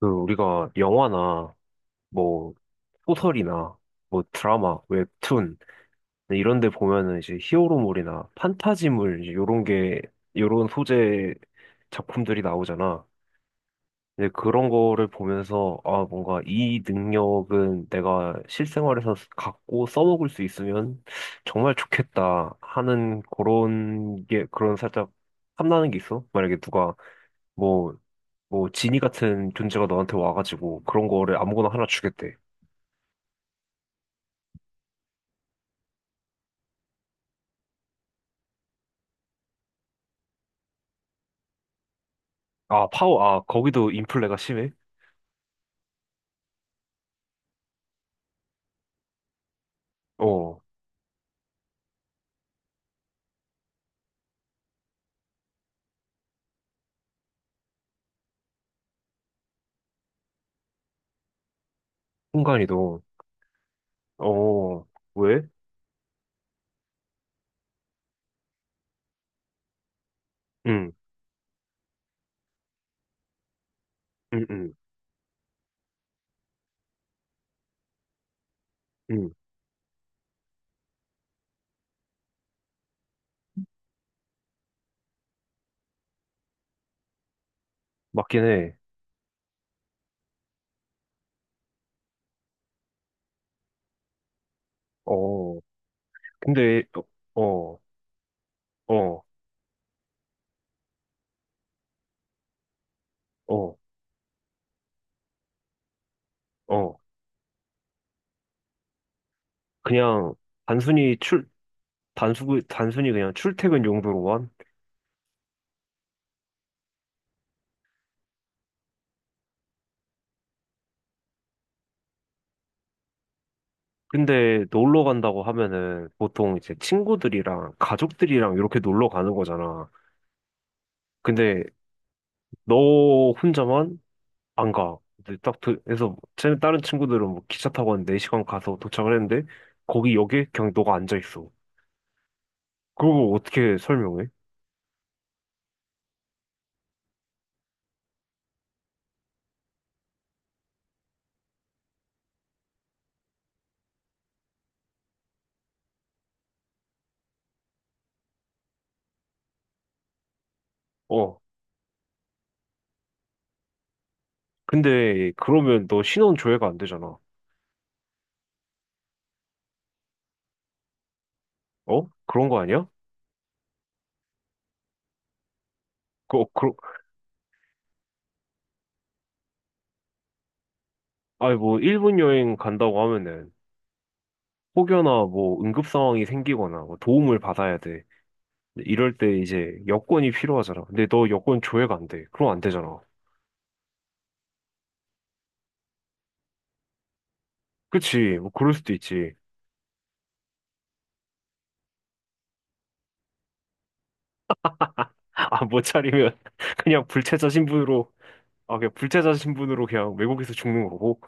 그 우리가 영화나 뭐 소설이나 뭐 드라마, 웹툰 이런 데 보면은 이제 히어로물이나 판타지물 이제 요런 게 요런 소재 작품들이 나오잖아. 근데 그런 거를 보면서 아 뭔가 이 능력은 내가 실생활에서 갖고 써먹을 수 있으면 정말 좋겠다 하는 그런 게 그런 살짝 탐나는 게 있어. 만약에 누가 뭐 뭐 지니 같은 존재가 너한테 와가지고 그런 거를 아무거나 하나 주겠대. 아, 파워, 아, 거기도 인플레가 심해? 어, 순간이도. 어, 왜? 응, 응, 응, 응. 맞긴 해. 어, 근데, 어, 어, 어, 어. 어. 그냥 단순히 출, 단순히 그냥 출퇴근 용도로만? 근데 놀러 간다고 하면은 보통 이제 친구들이랑 가족들이랑 이렇게 놀러 가는 거잖아. 근데 너 혼자만 안 가. 근데 딱 그래서 다른 친구들은 뭐 기차 타고 한 4시간 가서 도착을 했는데 거기 역에 그냥 너가 앉아 있어. 그걸 어떻게 설명해? 어. 근데 그러면 너 신원 조회가 안 되잖아. 어? 그런 거 아니야? 그, 어, 그, 아니 뭐 일본 여행 간다고 하면은 혹여나 뭐 응급 상황이 생기거나 뭐 도움을 받아야 돼. 근데 이럴 때 이제 여권이 필요하잖아. 근데 너 여권 조회가 안 돼. 그럼 안 되잖아. 그치? 뭐 그럴 수도 있지. 아, 못 차리면 그냥 불체자 신분으로. 아, 그냥 불체자 신분으로 그냥 외국에서 죽는 거고.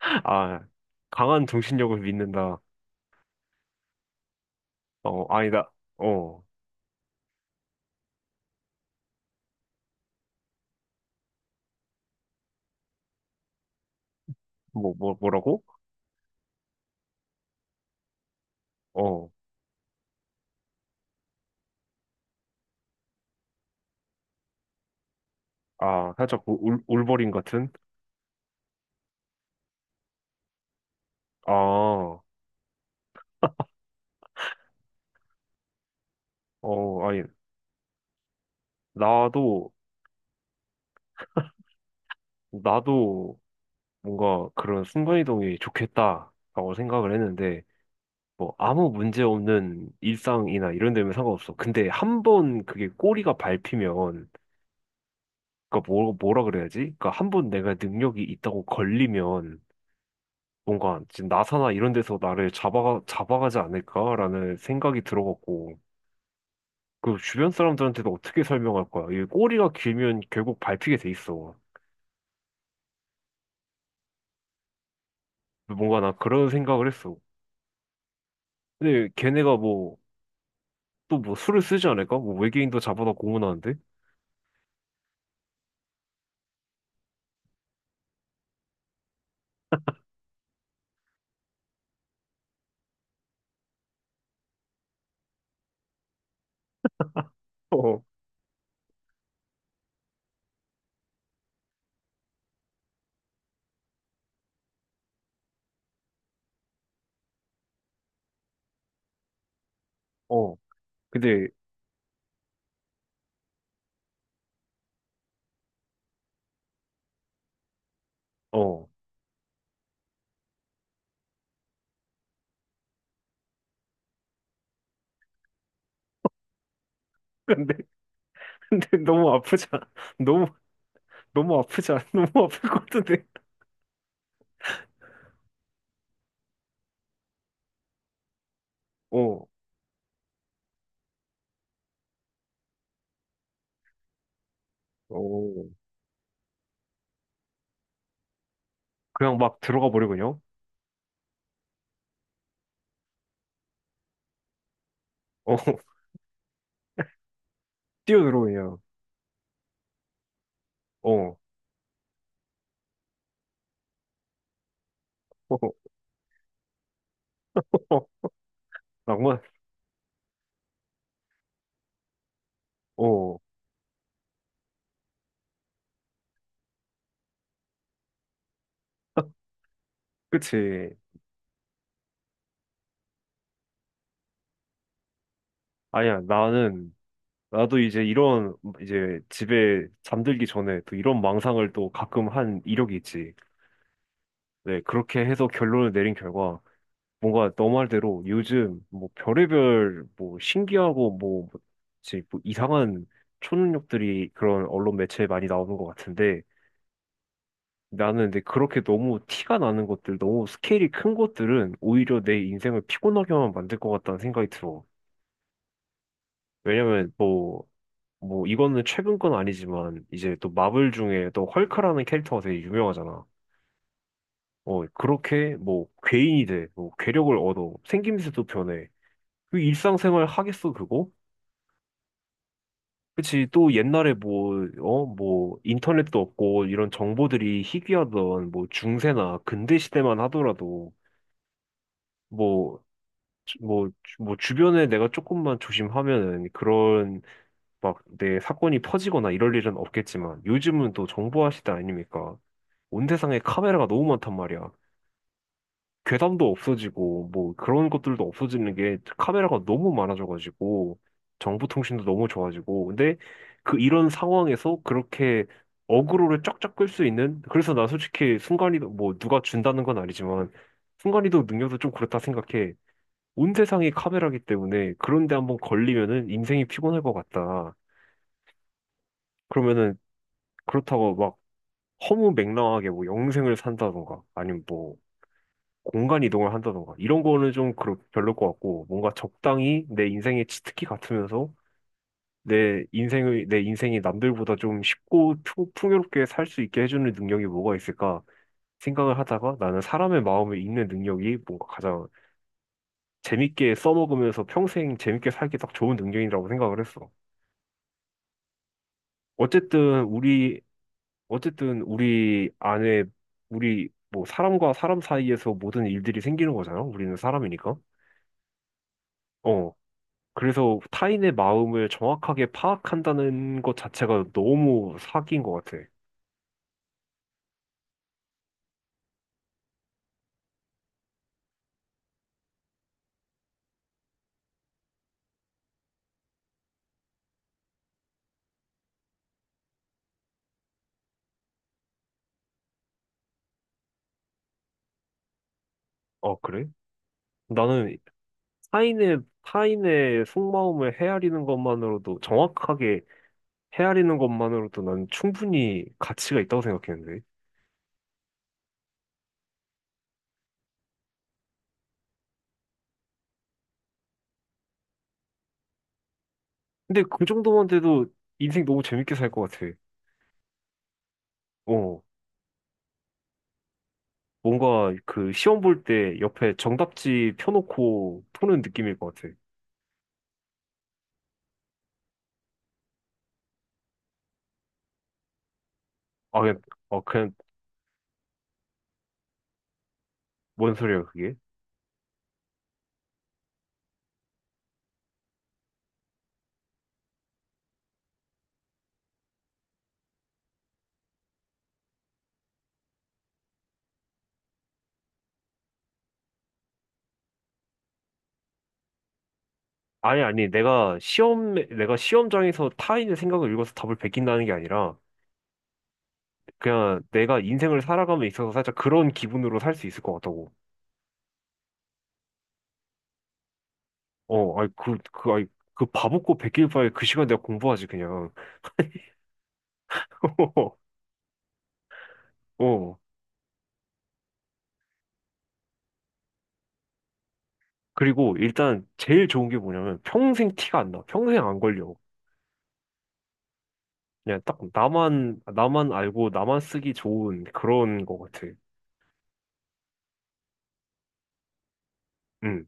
아, 강한 정신력을 믿는다. 어, 아니다. 어, 뭐라고? 어, 아, 살짝 그 울버린 같은? 아, 어, 아니, 나도, 나도 뭔가 그런 순간이동이 좋겠다 라고 생각을 했는데, 뭐, 아무 문제 없는 일상이나 이런 데면 상관없어. 근데 한 번 그게 꼬리가 밟히면, 그니까 뭐, 뭐라 그래야지? 그니까 한 번 내가 능력이 있다고 걸리면, 뭔가 지금 나사나 이런 데서 나를 잡아가지 않을까라는 생각이 들어갔고, 그 주변 사람들한테도 어떻게 설명할 거야? 이 꼬리가 길면 결국 밟히게 돼 있어. 뭔가 나 그런 생각을 했어. 근데 걔네가 뭐, 또 뭐 수를 쓰지 않을까? 뭐 외계인도 잡아다 고문하는데? 어, 어, 근데, 어. 근데, 근데 너무 아프지 않아? 너무, 너무 아프지 않아? 너무 아플 것 같은데? 어, 어, 그냥 막 들어가 버려, 그냥. 어, 뛰어들어, 그냥. 어, 어, 낭만, 어, 그치. 아니야, 나도 이제 이런, 이제 집에 잠들기 전에 또 이런 망상을 또 가끔 한 이력이 있지. 네, 그렇게 해서 결론을 내린 결과, 뭔가 너 말대로 요즘 뭐 별의별 뭐 신기하고 뭐, 뭐지, 뭐 이상한 초능력들이 그런 언론 매체에 많이 나오는 것 같은데, 나는 근데 그렇게 너무 티가 나는 것들, 너무 스케일이 큰 것들은 오히려 내 인생을 피곤하게만 만들 것 같다는 생각이 들어. 왜냐면 뭐 이거는 최근 건 아니지만 이제 또 마블 중에 또 헐크라는 캐릭터가 되게 유명하잖아. 어 그렇게 뭐 괴인이 돼, 뭐 괴력을 얻어, 생김새도 변해. 그 일상생활 하겠어 그거? 그치 또 옛날에 뭐 어 뭐 인터넷도 없고 이런 정보들이 희귀하던 뭐 중세나 근대 시대만 하더라도 뭐 주변에 내가 조금만 조심하면은 그런 막 내 사건이 퍼지거나 이럴 일은 없겠지만 요즘은 또 정보화 시대 아닙니까? 온 세상에 카메라가 너무 많단 말이야. 괴담도 없어지고, 뭐, 그런 것들도 없어지는 게 카메라가 너무 많아져가지고, 정보통신도 너무 좋아지고, 근데 그 이런 상황에서 그렇게 어그로를 쫙쫙 끌 수 있는, 그래서 나 솔직히 순간이도, 뭐, 누가 준다는 건 아니지만, 순간이도 능력도 좀 그렇다 생각해. 온 세상이 카메라기 때문에, 그런데 한번 걸리면은 인생이 피곤할 것 같다. 그러면은, 그렇다고 막, 허무맹랑하게 뭐, 영생을 산다던가, 아니면 뭐, 공간 이동을 한다던가 이런 거는 별로일 것 같고 뭔가 적당히 내 인생의 치트키 같으면서 내 인생이 남들보다 좀 쉽고 풍요롭게 살 수 있게 해주는 능력이 뭐가 있을까 생각을 하다가 나는 사람의 마음을 읽는 능력이 뭔가 가장 재밌게 써먹으면서 평생 재밌게 살기 딱 좋은 능력이라고 생각을 했어. 어쨌든 우리 어쨌든 우리 안에 우리 뭐 사람과 사람 사이에서 모든 일들이 생기는 거잖아. 우리는 사람이니까. 어. 그래서 타인의 마음을 정확하게 파악한다는 것 자체가 너무 사기인 것 같아. 아, 그래? 나는 타인의 속마음을 헤아리는 것만으로도, 정확하게 헤아리는 것만으로도 난 충분히 가치가 있다고 생각했는데. 근데 그 정도만 돼도 인생 너무 재밌게 살 것 같아. 어, 뭔가 그 시험 볼 때 옆에 정답지 펴놓고 푸는 느낌일 것 같아. 아, 그냥, 아, 그냥 뭔 소리야, 그게? 아니, 내가 내가 시험장에서 타인의 생각을 읽어서 답을 베낀다는 게 아니라, 그냥 내가 인생을 살아감에 있어서 살짝 그런 기분으로 살 수 있을 것 같다고. 어, 아니, 그, 아니, 그 바보고 베낄 바에 그 시간 내가 공부하지, 그냥. 어. 그리고 일단 제일 좋은 게 뭐냐면 평생 티가 안 나. 평생 안 걸려. 그냥 딱 나만 알고 나만 쓰기 좋은 그런 것 같아. 응.